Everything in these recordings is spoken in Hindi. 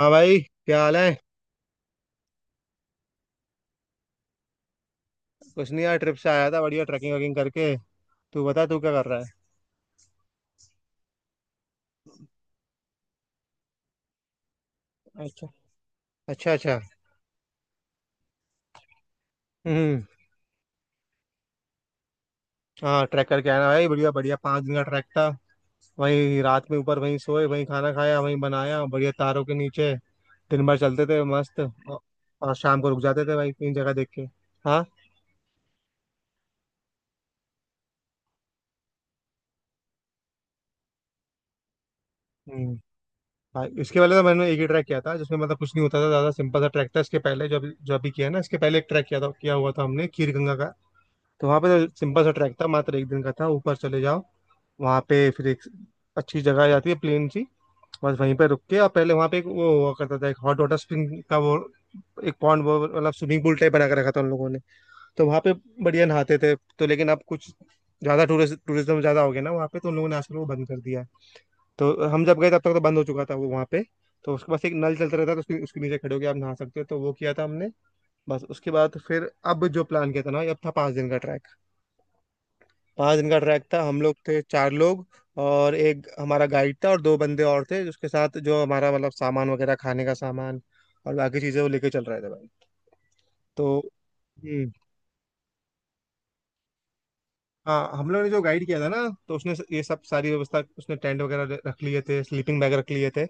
हाँ भाई, क्या हाल है। कुछ नहीं यार, ट्रिप से आया था, बढ़िया ट्रैकिंग वैकिंग करके। तू बता तू क्या कर रहा है। अच्छा अच्छा। अच्छा। हम्म। हाँ ट्रैक करके आया ना भाई, बढ़िया बढ़िया 5 दिन का ट्रैक था। वहीं रात में ऊपर वहीं सोए, वहीं खाना खाया, वहीं बनाया, बढ़िया तारों के नीचे। दिन भर चलते थे मस्त और शाम को रुक जाते थे भाई, तीन जगह देख के। हाँ। हम्म। भाई, इसके पहले तो मैंने एक ही ट्रैक किया था जिसमें मतलब कुछ नहीं होता था, ज़्यादा सिंपल सा ट्रैक था। इसके पहले जो अभी किया है ना, इसके पहले एक ट्रैक किया हुआ था हमने, खीर गंगा का। तो वहाँ पे तो सिंपल सा ट्रैक था, मात्र 1 दिन का था। ऊपर चले जाओ, वहाँ पे फिर एक अच्छी जगह जाती है, प्लेन सी। बस वहीं पे रुक के, और पहले वहाँ पे एक वो हुआ करता था, एक हॉट वाटर स्प्रिंग का वो एक पॉन्ड, वो मतलब स्विमिंग पूल टाइप बना के रखा था उन लोगों ने। तो वहाँ पे बढ़िया नहाते थे तो, लेकिन अब कुछ ज्यादा टूरिस्ट, टूरिज्म ज्यादा हो गया ना वहाँ पे, तो उन लोगों ने आजकल वो बंद कर दिया है। तो हम जब गए तब तक तो बंद हो चुका था वो वहाँ पे। तो उसके पास एक नल चलता रहता था, तो उसके उसके नीचे खड़े होके आप नहा सकते हो, तो वो किया था हमने। बस उसके बाद फिर अब जो प्लान किया था ना, ये अब था 5 दिन का ट्रैक। 5 दिन का ट्रैक था, हम लोग थे चार लोग और एक हमारा गाइड था और दो बंदे और थे, जिसके साथ जो हमारा मतलब सामान वगैरह, खाने का सामान और बाकी चीजें वो लेके चल रहे थे भाई। तो हम्म। हाँ हम लोग ने जो गाइड किया था ना, तो उसने ये सब सारी व्यवस्था, उसने टेंट वगैरह रख लिए थे, स्लीपिंग बैग रख लिए थे।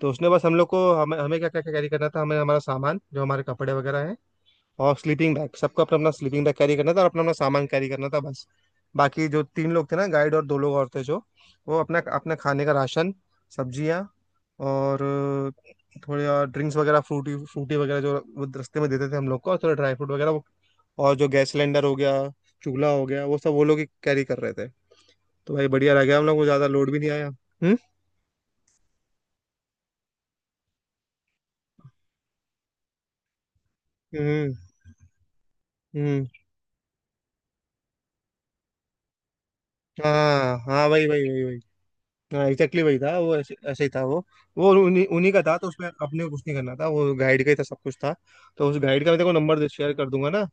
तो उसने बस हम लोग को, हमें हमें क्या क्या कैरी करना था, हमें हमारा सामान जो हमारे कपड़े वगैरह हैं और स्लीपिंग बैग, सबको अपना अपना स्लीपिंग बैग कैरी करना था और अपना अपना सामान कैरी करना था बस। बाकी जो तीन लोग थे ना, गाइड और दो लोग और थे जो, वो अपना अपना खाने का राशन, सब्जियाँ और थोड़े और ड्रिंक्स वगैरह, फ्रूटी फ्रूटी वगैरह जो वो रास्ते में देते थे हम लोग को, और थोड़ा ड्राई फ्रूट वगैरह वो, और जो गैस सिलेंडर हो गया, चूल्हा हो गया, वो सब वो लोग ही कैरी कर रहे थे। तो भाई बढ़िया रह गया, हम लोग को ज़्यादा लोड भी नहीं आया। हम्म। हम्म। हम्म। हाँ हाँ, वही वही वही वही। हाँ एग्जैक्टली वही था वो, ऐसे ऐसे ही था वो। वो उन्हीं उन्हीं का था, तो उसमें अपने को कुछ नहीं करना था, वो गाइड का ही था, सब कुछ था। तो उस गाइड का मैं तेरे को नंबर दे, शेयर कर दूंगा ना,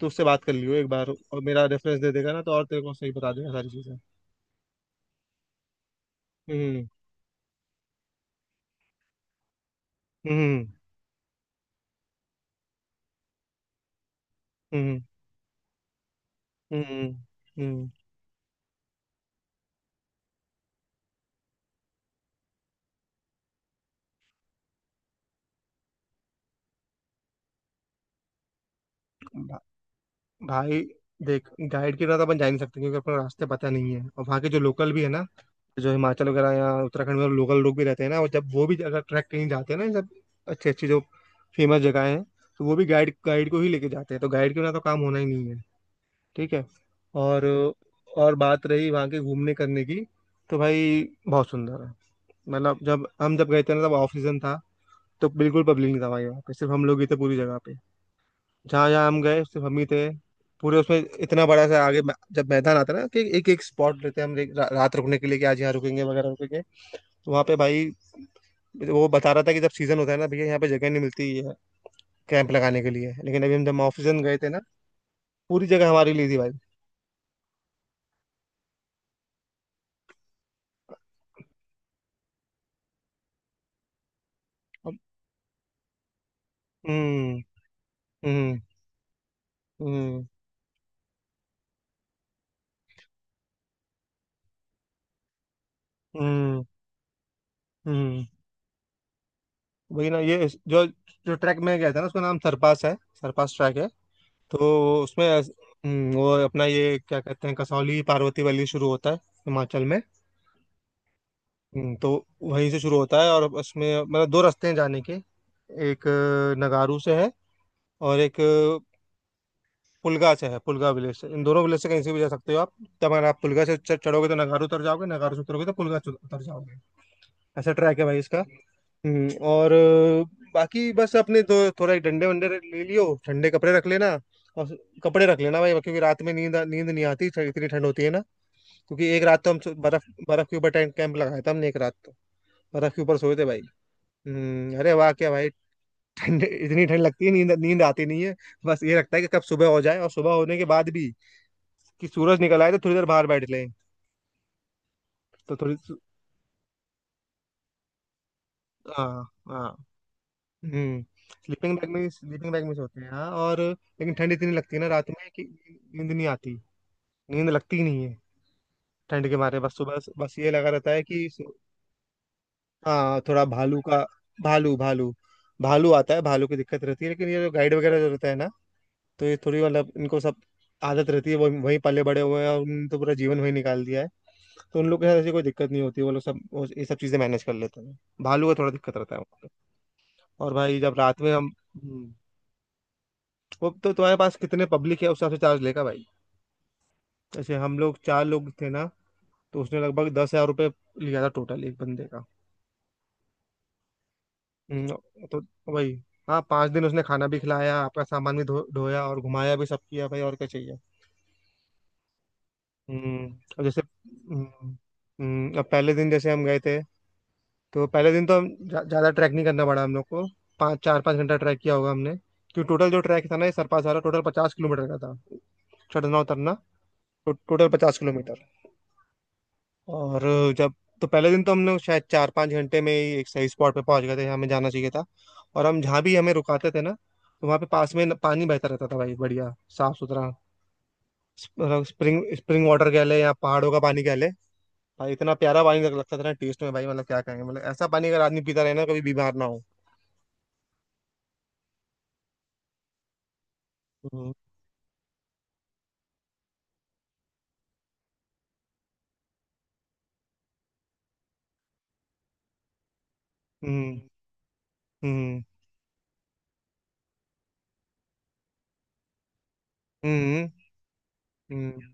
तो उससे बात कर लियो एक बार, और मेरा रेफरेंस दे देगा ना तो, और तेरे को सही बता देगा सारी चीजें। हम्म। हम्म। हम्म। हम्म। हम्म। हम्म। भाई देख, गाइड के बिना तो अपन जा ही नहीं सकते, क्योंकि अपने रास्ते पता नहीं है। और वहाँ के जो लोकल भी है ना, जो हिमाचल वगैरह या उत्तराखंड में लोकल लोग भी रहते हैं ना, और जब वो भी अगर ट्रैक कहीं जाते हैं ना ये सब अच्छी अच्छी जो फेमस जगह हैं, तो वो भी गाइड, गाइड को ही लेके जाते हैं। तो गाइड के बिना तो काम होना ही नहीं है। ठीक है। और और बात रही वहाँ के घूमने करने की, तो भाई बहुत सुंदर है। मतलब जब हम जब गए थे ना तब ऑफ सीजन था, तो बिल्कुल पब्लिक नहीं था भाई वहाँ पे, सिर्फ हम लोग ही थे पूरी जगह पे। जहाँ जहाँ हम गए सिर्फ हम ही थे पूरे उसमें। इतना बड़ा सा आगे जब मैदान आता है ना, कि एक एक स्पॉट लेते हैं हम रात रुकने के लिए, कि आज यहाँ रुकेंगे वगैरह रुकेंगे। तो वहाँ पे भाई वो बता रहा था कि जब सीजन होता है ना भैया, यहाँ पे जगह नहीं मिलती है कैंप लगाने के लिए, लेकिन अभी हम जब ऑफ सीजन गए थे ना, पूरी जगह हमारी ली थी भाई। अब- हम्म। हम्म। हम्म। हम्म। हम्म। वही ना, ये जो जो ट्रैक में गया था ना, उसका नाम सरपास है, सरपास ट्रैक है। तो उसमें वो अपना ये क्या कहते हैं, कसौली पार्वती वैली शुरू होता है, हिमाचल में। तो वहीं से शुरू होता है, और उसमें मतलब दो रास्ते हैं जाने के। एक नगारू से है, और एक पुलगा से है, पुलगा विलेज से। इन दोनों विलेज से कहीं से भी जा सकते हो आप। तब अगर आप पुलगा से चढ़ोगे तो नगारू उतर जाओगे, नगारू से उतरोगे तो पुलगा से उतर जाओगे। ऐसा ट्रैक है भाई इसका। और बाकी बस अपने दो थोड़ा एक डंडे वंडे ले लियो, ठंडे कपड़े रख लेना। और कपड़े रख लेना भाई, क्योंकि रात में नींद नींद नहीं आती, इतनी ठंड होती है ना। क्योंकि एक रात तो हम बर्फ, बर्फ के ऊपर टेंट कैंप लगाया था हमने एक रात तो, बर्फ के ऊपर सोए थे भाई। अरे वाह क्या भाई। ठंड, इतनी ठंड लगती है, नींद नींद आती नहीं है। बस ये लगता है कि कब सुबह हो जाए, और सुबह होने के बाद भी कि सूरज निकल आए तो थोड़ी देर बाहर बैठ लें। तो थोड़ी। हाँ हाँ। हम्म। स्लीपिंग बैग में, स्लीपिंग बैग में सोते हैं हाँ, और लेकिन ठंड इतनी लगती है ना रात में कि नींद नहीं आती, नींद लगती ही नहीं है ठंड के मारे। बस सुबह, बस ये लगा रहता है कि हाँ, थोड़ा भालू का, भालू भालू भालू आता है, भालू की दिक्कत रहती है, लेकिन ये जो गाइड वगैरह जो रहता है ना, तो ये थोड़ी मतलब इनको सब आदत रहती है, वो वहीं पले बड़े हुए हैं, और उन्होंने तो पूरा जीवन वहीं निकाल दिया है। तो उन लोग के साथ ऐसी कोई दिक्कत नहीं होती, वो लोग सब वो ये सब चीजें मैनेज कर लेते हैं। भालू का थोड़ा दिक्कत रहता है वहाँ पे। और भाई जब रात में हम, हम्म, वो तो तुम्हारे पास कितने पब्लिक है उस हिसाब से चार्ज लेगा भाई। जैसे हम लोग चार लोग थे ना, तो उसने लगभग 10,000 रुपये लिया था टोटल, एक बंदे का। तो वही। हाँ, 5 दिन उसने खाना भी खिलाया, आपका सामान भी धो धोया, और घुमाया भी, सब किया भाई और क्या चाहिए। हम्म। और जैसे अब पहले दिन जैसे हम गए थे, तो पहले दिन तो हम ज़्यादा ट्रैक नहीं करना पड़ा हम लोग को। पाँच चार पाँच घंटा ट्रैक किया होगा हमने। क्योंकि टोटल जो ट्रैक था ना ये सरपास वाला, टोटल 50 किलोमीटर का था, चढ़ना उतरना। टोटल पचास किलोमीटर। और जब, तो पहले दिन तो हम लोग शायद चार पाँच घंटे में ही एक सही स्पॉट पे पहुंच गए थे जहाँ हमें जाना चाहिए था। और हम जहाँ भी हमें रुकाते थे ना, तो वहाँ पे पास में पानी बहता रहता था भाई, बढ़िया साफ सुथरा। स्प्रिंग स्प्रिंग वाटर कह ले या पहाड़ों का पानी कह ले। भाई इतना प्यारा पानी लगता था ना टेस्ट में भाई, मतलब क्या कहेंगे, मतलब ऐसा पानी अगर आदमी पीता रहे ना कभी बीमार ना हो। हम्म। हम्म। हम्म। हम्म। हम्म।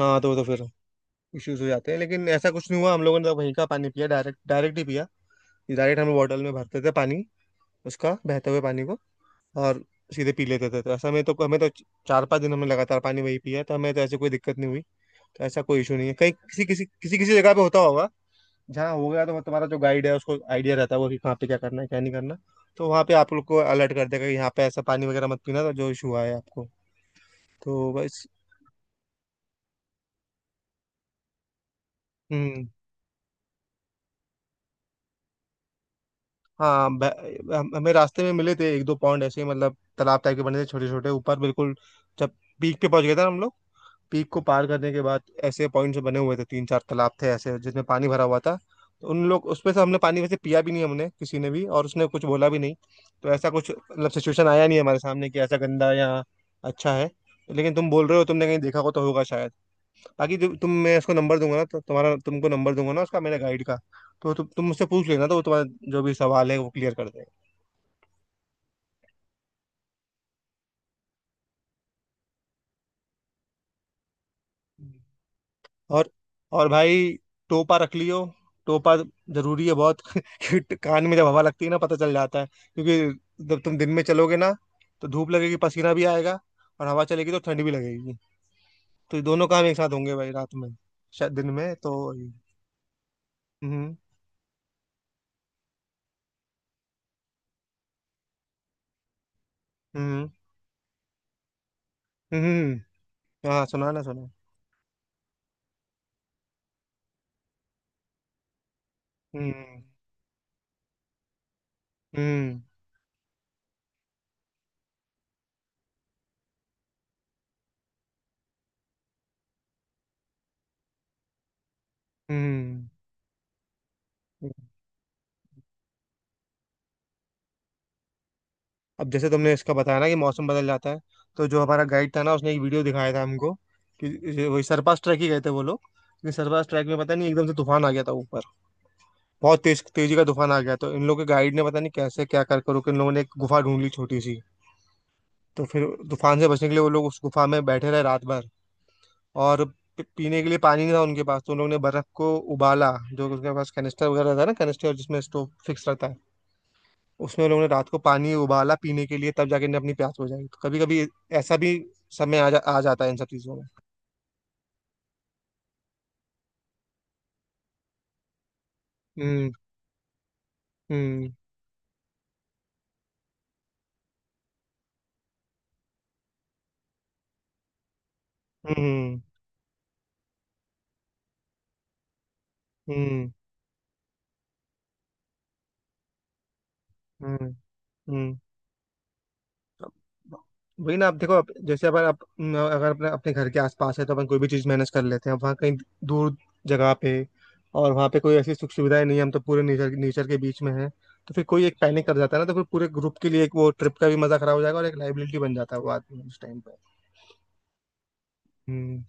हाँ तो फिर इश्यूज हो जाते हैं, लेकिन ऐसा कुछ नहीं हुआ, हम लोगों ने तो वहीं का पानी पिया, डायरेक्ट डायरेक्ट ही पिया। डायरेक्ट हम बॉटल में भरते थे पानी, उसका, बहते हुए पानी को, और सीधे पी लेते थे। तो ऐसा में तो हमें तो 4 5 दिन हमने लगातार पानी वही पिया, तो हमें तो ऐसे कोई दिक्कत नहीं हुई। तो ऐसा कोई इशू नहीं है, कहीं किसी किसी किसी किसी जगह पे होता होगा जहाँ हो गया। तो मतलब तुम्हारा जो गाइड है उसको आइडिया रहता है वो, कि कहाँ पे क्या करना है क्या नहीं करना, तो वहाँ पे आप लोग को अलर्ट कर देगा कि यहाँ पे ऐसा पानी वगैरह मत पीना, तो जो इशू आए आपको। तो बस। हम्म। हाँ हमें रास्ते में मिले थे एक दो पॉइंट ऐसे ही, मतलब तालाब टाइप के बने थे छोटे छोटे ऊपर, बिल्कुल जब पीक पे पहुंच गए थे ना हम लोग, पीक को पार करने के बाद ऐसे पॉइंट्स बने हुए थे, तीन चार तालाब थे ऐसे जिसमें पानी भरा हुआ था। तो उन लोग, उसमें से हमने पानी वैसे पिया भी नहीं हमने किसी ने भी, और उसने कुछ बोला भी नहीं। तो ऐसा कुछ मतलब सिचुएशन आया नहीं हमारे सामने कि ऐसा गंदा या अच्छा है, लेकिन तुम बोल रहे हो, तुमने कहीं देखा हो तो होगा शायद। बाकी जो तुम, मैं उसको नंबर दूंगा ना, तो तुम्हारा, तुमको नंबर दूंगा ना उसका, मेरे गाइड का। तो तुम मुझसे पूछ लेना, तो वो तुम्हारा जो भी सवाल है वो क्लियर कर देगा। और और भाई, टोपा रख लियो, टोपा जरूरी है बहुत। क्योंकि कान में जब हवा लगती है ना पता चल जाता है। क्योंकि जब तुम दिन में चलोगे ना, तो धूप लगेगी, पसीना भी आएगा, और हवा चलेगी तो ठंड भी लगेगी। तो ये दोनों काम एक साथ होंगे भाई रात में, शायद दिन में तो। हम्म। हम्म। हम्म। हम्म। हाँ सुना ना सुना। हम्म। हम्म। हम्म। अब जैसे तुमने इसका बताया ना कि मौसम बदल जाता है, तो जो हमारा गाइड था ना उसने एक वीडियो दिखाया था हमको, कि ये वही सरपास ट्रैक ही गए थे वो लोग, लेकिन सरपास ट्रैक में पता नहीं एकदम से तूफान आ गया था ऊपर, बहुत तेज तेजी का तूफान आ गया, तो इन लोगों के गाइड ने पता नहीं कैसे क्या कर करो कि इन लोगों ने एक गुफा ढूंढ ली छोटी सी। तो फिर तूफान से बचने के लिए वो लोग उस गुफा में बैठे रहे रात भर। और पीने के लिए पानी नहीं था उनके पास, तो उन लोगों ने बर्फ को उबाला, जो उसके पास कैनिस्टर वगैरह था ना, कैनिस्टर जिसमें स्टोव फिक्स रहता है, उसमें उन लोगों ने रात को पानी उबाला पीने के लिए, तब जाके इन्हें अपनी प्यास बुझाई। तो कभी कभी ऐसा भी समय आ जाता है इन सब चीजों में। हम्म। हम्म। हम्म। हम्म। हम्म। हम्म। अब वही ना, आप देखो जैसे अपन, आप न, अगर अपने अपने घर के आसपास है तो अपन कोई भी चीज़ मैनेज कर लेते हैं, अब वहाँ कहीं दूर जगह पे और वहाँ पे कोई ऐसी सुख सुविधाएं नहीं है, हम तो पूरे नेचर, नेचर के बीच में हैं। तो फिर कोई एक पैनिक कर जाता है ना, तो फिर पूरे ग्रुप के लिए एक वो ट्रिप का भी मजा खराब हो जाएगा, और एक लाइबिलिटी बन जाता है वो आदमी उस टाइम पे। हम्म।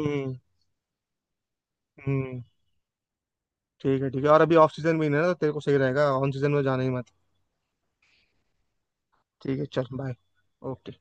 हम्म। हम्म। ठीक है ठीक है, और अभी ऑफ सीजन भी नहीं है ना, तो तेरे को सही रहेगा, ऑन सीजन में जाना ही मत। ठीक है, चल बाय। ओके।